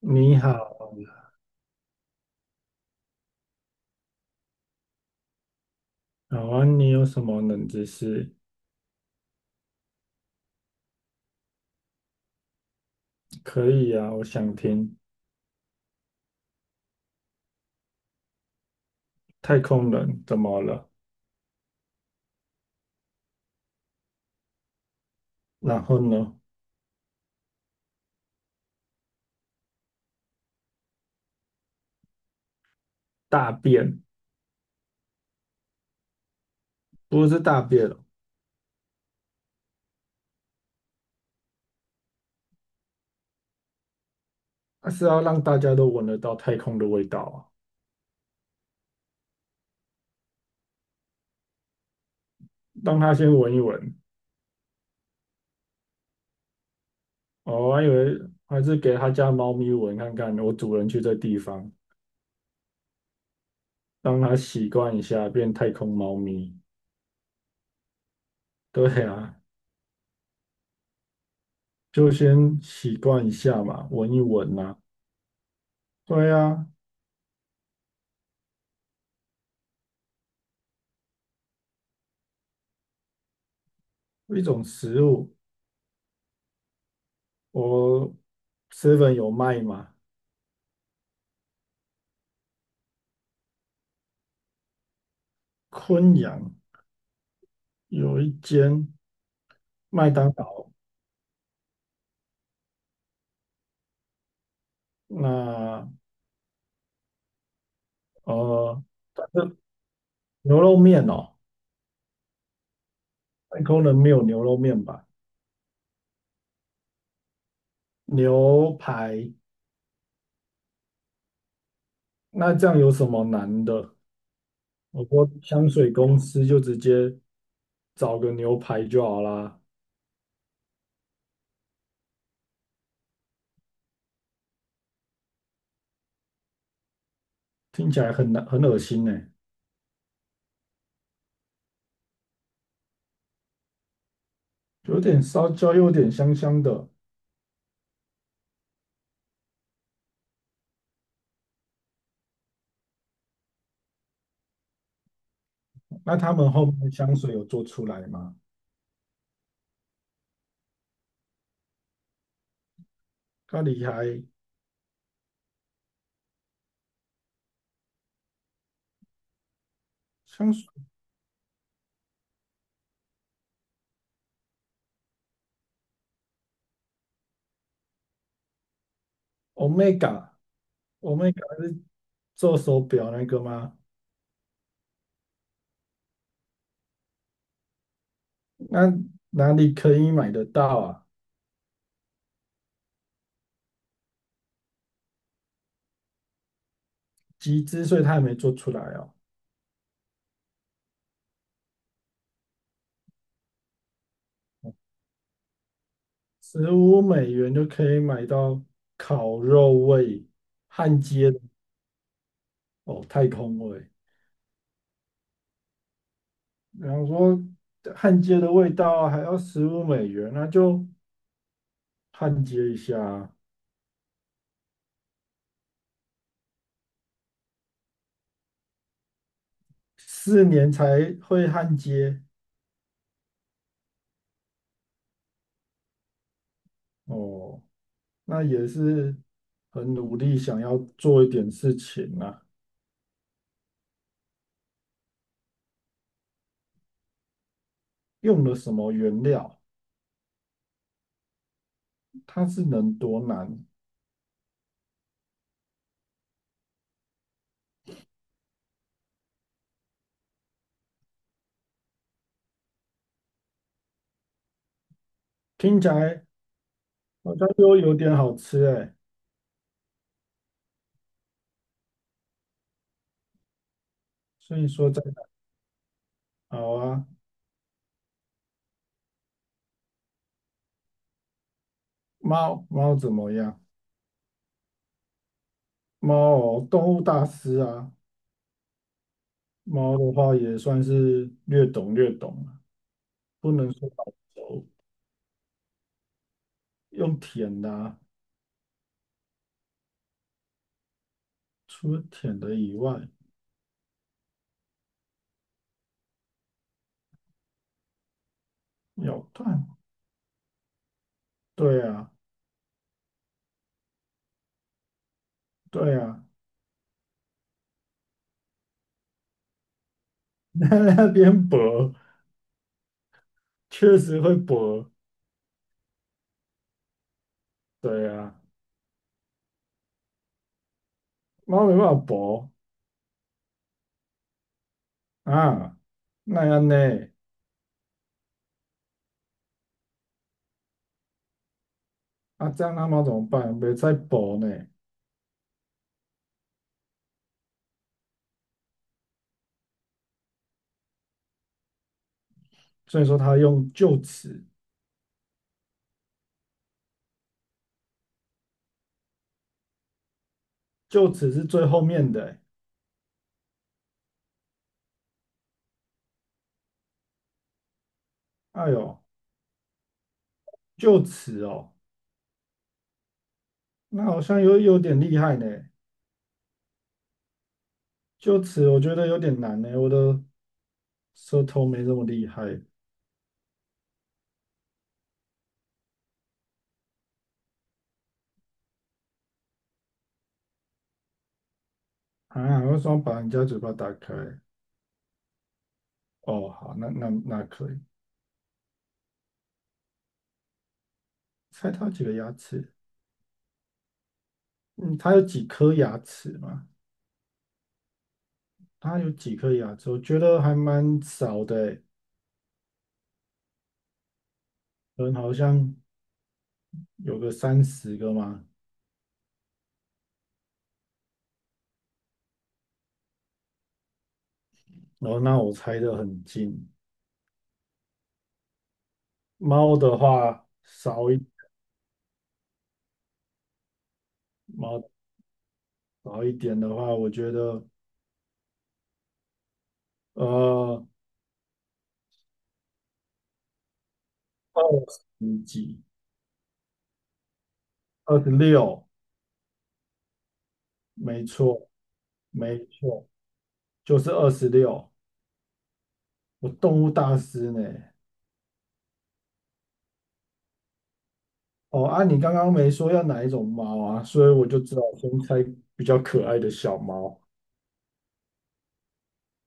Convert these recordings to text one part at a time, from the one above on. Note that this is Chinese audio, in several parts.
你好。好啊，你有什么冷知识？可以啊，我想听。太空人怎么了？然后呢？大便。不是大便哦，而是要让大家都闻得到太空的味道啊。让他先闻一闻。哦，我还以为还是给他家猫咪闻看看。我主人去这地方，让它习惯一下，变太空猫咪。对啊，就先习惯一下嘛，闻一闻呐，啊，对啊，一种食物。我 seven 有卖吗？昆阳有一间麦当劳。那呃，但是牛肉面哦。太空人没有牛肉面吧？牛排，那这样有什么难的？我说香水公司就直接找个牛排就好啦。听起来很难很恶心呢。有点烧焦，又有点香香的。那他们后面的香水有做出来吗？咖喱还香水。Omega，Omega 是做手表那个吗？那哪里可以买得到啊？集资，所以它还没做出来哦。十五美元就可以买到烤肉味、焊接的哦，太空味。然后说焊接的味道啊还要十五美元，那就焊接一下啊。4年才会焊接哦，那也是很努力想要做一点事情啊。用了什么原料，它是能多难？听起来好像又有点好吃哎。所以说在。好啊。猫猫怎么样？猫哦，动物大师啊，猫的话也算是略懂略懂啊，不能说好熟。用舔的啊，除了舔的以外，咬断。对啊，对啊。那那边薄，确实会薄。对啊，猫没办法薄啊，那样呢？啊，这样他们要怎么办？别再搏呢。所以说他用就此，就此是最后面的欸。哎呦，就此哦，那好像有点厉害呢。就此我觉得有点难呢，我的舌头没这么厉害啊。为什么把人家嘴巴打开？哦，好，那可以。猜他有几个牙齿？嗯，他有几颗牙齿嘛？他有几颗牙齿？我觉得还蛮少的欸，可能好像有个30个嘛。然后那我猜的很近，猫的话少一猫少一点的话，我觉得呃20几。二十六。没错，没错，就是二十六。我动物大师呢？哦啊，你刚刚没说要哪一种猫啊，所以我就知道我先猜比较可爱的小猫。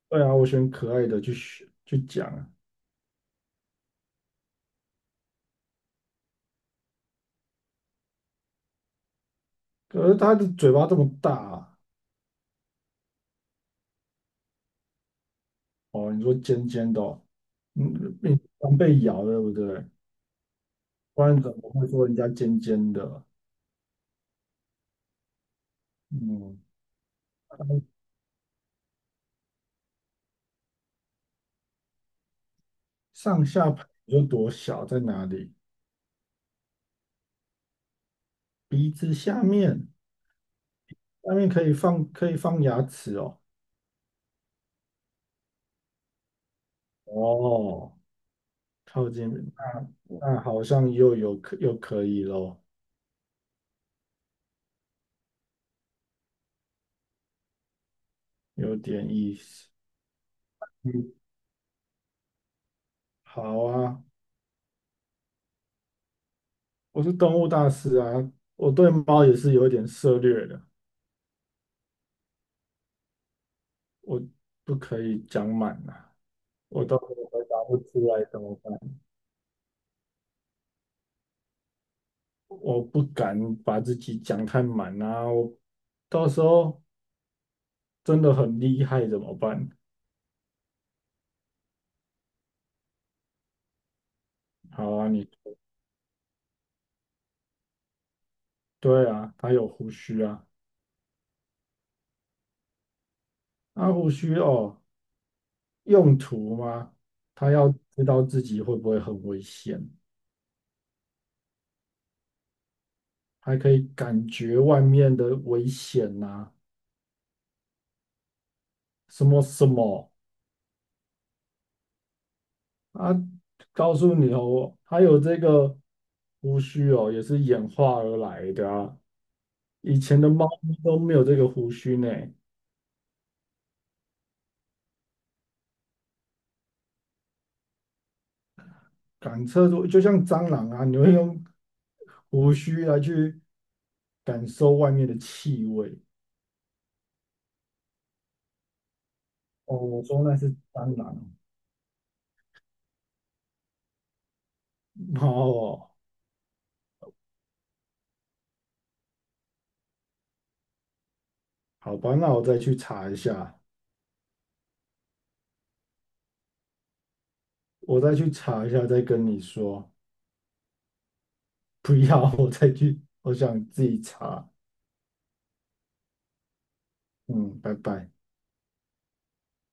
对啊，我选可爱的去选去讲啊。可是它的嘴巴这么大啊。哦，你说尖尖的哦。嗯，你常被咬对不对？不然怎么会说人家尖尖的？嗯，上下排有多小在哪里？鼻子下面，下面可以放牙齿哦。哦，靠近，那好像又可以咯，有点意思。嗯，好啊，我是动物大师啊，我对猫也是有一点涉略的，我不可以讲满啊，我到时候回答不出来怎么办？我不敢把自己讲太满啊，我到时候真的很厉害怎么办？好啊，你。对啊，它有胡须啊。那胡须哦，用途吗？它要知道自己会不会很危险，还可以感觉外面的危险呐，啊什么什么啊。告诉你哦，它有这个胡须哦，也是演化而来的啊，以前的猫咪都没有这个胡须呢。感测出就像蟑螂啊，你会用胡须来去感受外面的气味。哦，我说那是蟑螂。哦，好吧，那我再去查一下，我再去查一下，再跟你说。不要，我再去，我想自己查。嗯，拜拜。